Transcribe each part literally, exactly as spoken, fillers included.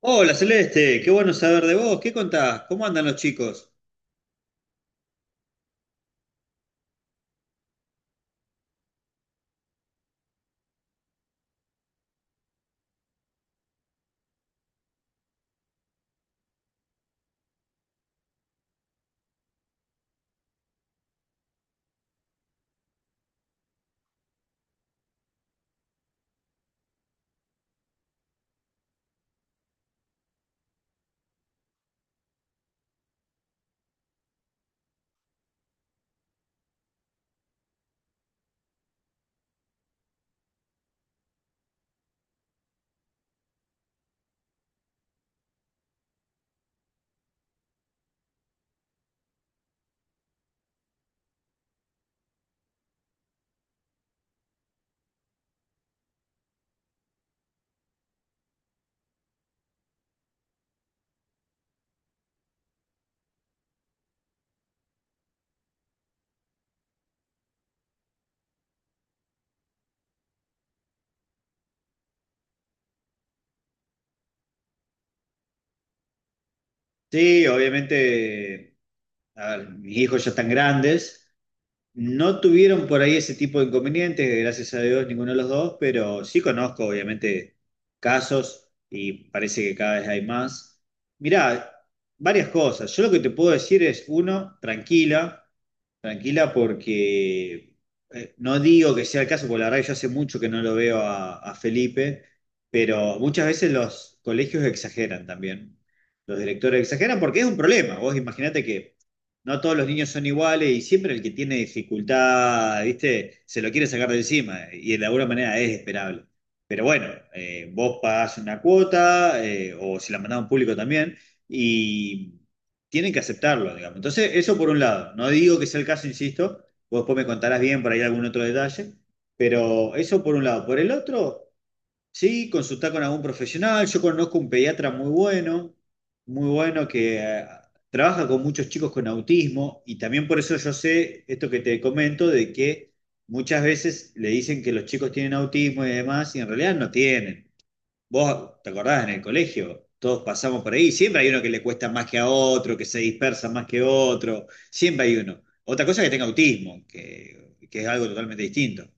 Hola Celeste, qué bueno saber de vos. ¿Qué contás? ¿Cómo andan los chicos? Sí, obviamente, a ver, mis hijos ya están grandes. No tuvieron por ahí ese tipo de inconvenientes, gracias a Dios, ninguno de los dos, pero sí conozco, obviamente, casos y parece que cada vez hay más. Mirá, varias cosas. Yo lo que te puedo decir es, uno, tranquila. Tranquila porque eh, no digo que sea el caso, porque la verdad que yo hace mucho que no lo veo a, a Felipe, pero muchas veces los colegios exageran también. Los directores exageran porque es un problema. Vos imaginate que no todos los niños son iguales y siempre el que tiene dificultad, ¿viste? Se lo quiere sacar de encima y de alguna manera es esperable. Pero bueno, eh, vos pagás una cuota eh, o si la mandás a un público también y tienen que aceptarlo, digamos. Entonces, eso por un lado. No digo que sea el caso, insisto, vos después me contarás bien por ahí algún otro detalle, pero eso por un lado. Por el otro, sí, consultar con algún profesional. Yo conozco un pediatra muy bueno, muy bueno que eh, trabaja con muchos chicos con autismo y también por eso yo sé esto que te comento de que muchas veces le dicen que los chicos tienen autismo y demás y en realidad no tienen. Vos, ¿te acordás en el colegio? Todos pasamos por ahí. Siempre hay uno que le cuesta más que a otro, que se dispersa más que otro. Siempre hay uno. Otra cosa es que tenga autismo, que, que es algo totalmente distinto.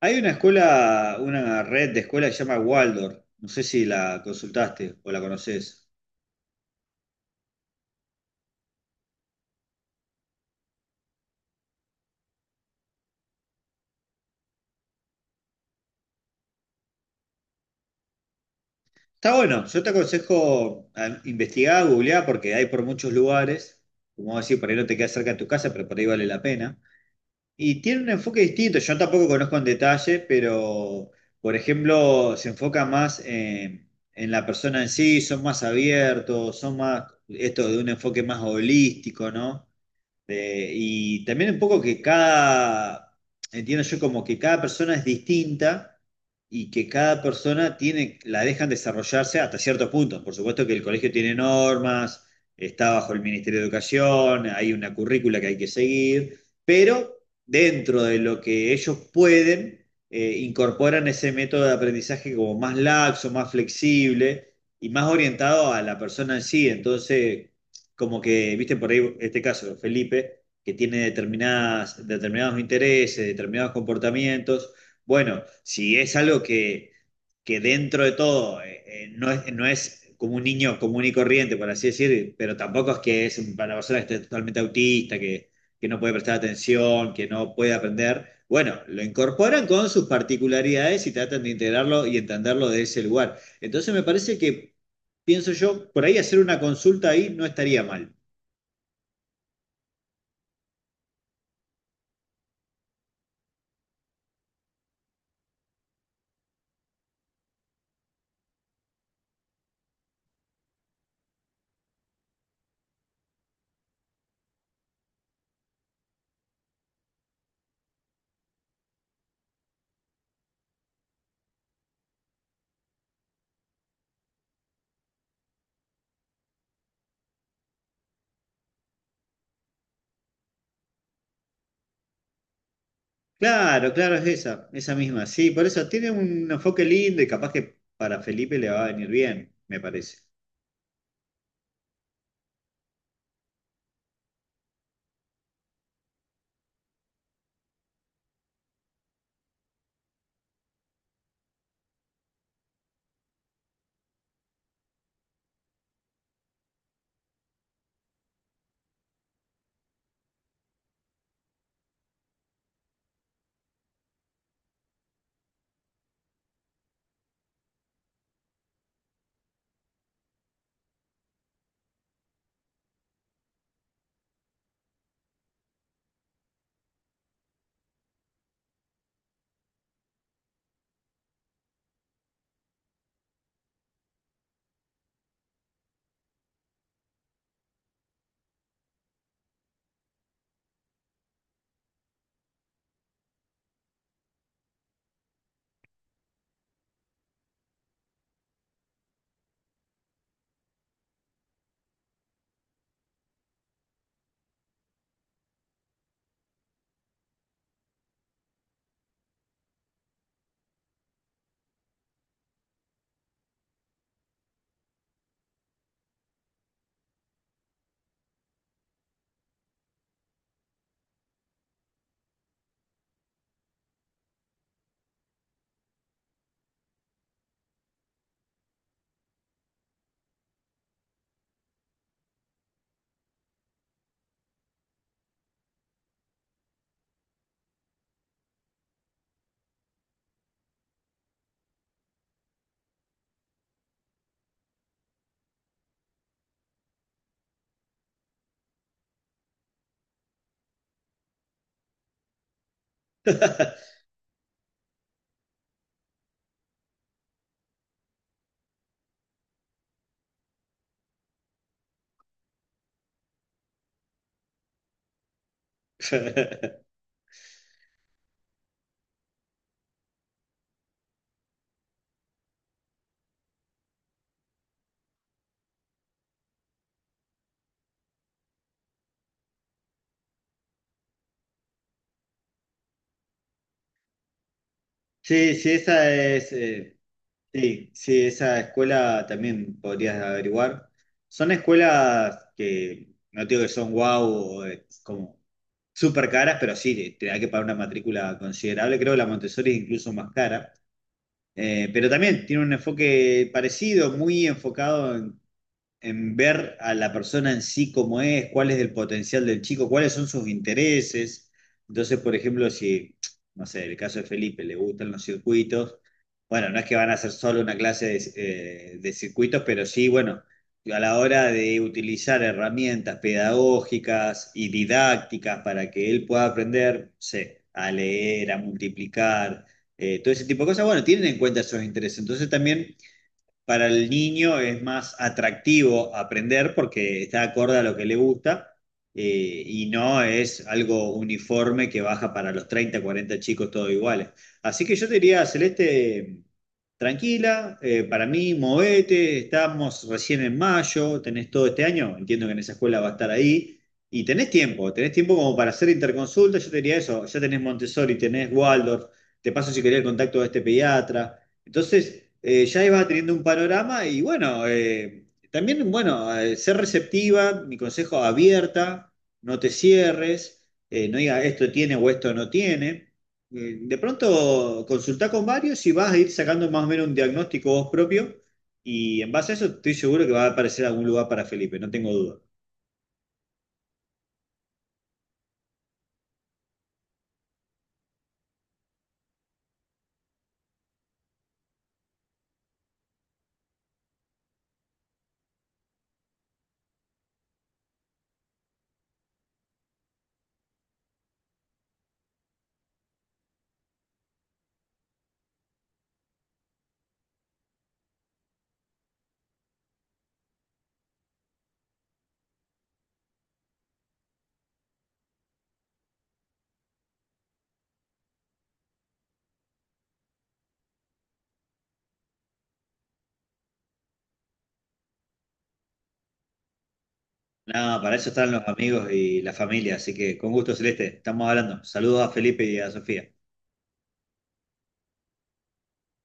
Hay una escuela, una red de escuelas que se llama Waldorf. No sé si la consultaste o la conoces. Está bueno. Yo te aconsejo a investigar, googlear, porque hay por muchos lugares. Como vos decís, por ahí no te queda cerca de tu casa, pero por ahí vale la pena. Y tiene un enfoque distinto, yo tampoco conozco en detalle, pero por ejemplo se enfoca más en, en la persona en sí, son más abiertos, son más, esto de un enfoque más holístico, ¿no? Eh, y también un poco que cada, entiendo yo como que cada persona es distinta y que cada persona tiene, la dejan desarrollarse hasta cierto punto. Por supuesto que el colegio tiene normas, está bajo el Ministerio de Educación, hay una currícula que hay que seguir, pero dentro de lo que ellos pueden, eh, incorporan ese método de aprendizaje como más laxo, más flexible y más orientado a la persona en sí. Entonces como que, viste, por ahí este caso, Felipe, que tiene determinadas, determinados intereses, determinados comportamientos. Bueno, si es algo que, que dentro de todo eh, eh, no es, no es como un niño común y corriente, por así decir, pero tampoco es que es una persona que esté totalmente autista, que, que no puede prestar atención, que no puede aprender. Bueno, lo incorporan con sus particularidades y tratan de integrarlo y entenderlo de ese lugar. Entonces me parece que, pienso yo, por ahí hacer una consulta ahí no estaría mal. Claro, claro, es esa, esa misma. Sí, por eso tiene un enfoque lindo y capaz que para Felipe le va a venir bien, me parece. Sí, sí, esa es. Eh, sí, sí, esa escuela también podrías averiguar. Son escuelas que no digo que son guau o eh, como súper caras, pero sí, te te da que pagar una matrícula considerable. Creo que la Montessori es incluso más cara. Eh, pero también tiene un enfoque parecido, muy enfocado en en ver a la persona en sí cómo es, cuál es el potencial del chico, cuáles son sus intereses. Entonces, por ejemplo, si, no sé, el caso de Felipe, le gustan los circuitos, bueno, no es que van a hacer solo una clase de, eh, de circuitos, pero sí, bueno, a la hora de utilizar herramientas pedagógicas y didácticas para que él pueda aprender, no sé, a leer, a multiplicar, eh, todo ese tipo de cosas, bueno, tienen en cuenta esos intereses. Entonces también para el niño es más atractivo aprender porque está acorde a lo que le gusta eh, y no es algo uniforme que baja para los treinta, cuarenta chicos todos iguales. Así que yo te diría, Celeste, tranquila, eh, para mí, movete, estamos recién en mayo, tenés todo este año, entiendo que en esa escuela va a estar ahí. Y tenés tiempo, tenés tiempo como para hacer interconsulta, yo te diría eso, ya tenés Montessori, tenés Waldorf, te paso si querés el contacto de este pediatra, entonces, eh, ya ibas teniendo un panorama y bueno, eh, también, bueno, eh, ser receptiva, mi consejo, abierta, no te cierres, eh, no digas esto tiene o esto no tiene. Eh, de pronto, consultá con varios y vas a ir sacando más o menos un diagnóstico vos propio y en base a eso estoy seguro que va a aparecer algún lugar para Felipe, no tengo duda. Nada, para eso están los amigos y la familia, así que con gusto, Celeste, estamos hablando. Saludos a Felipe y a Sofía.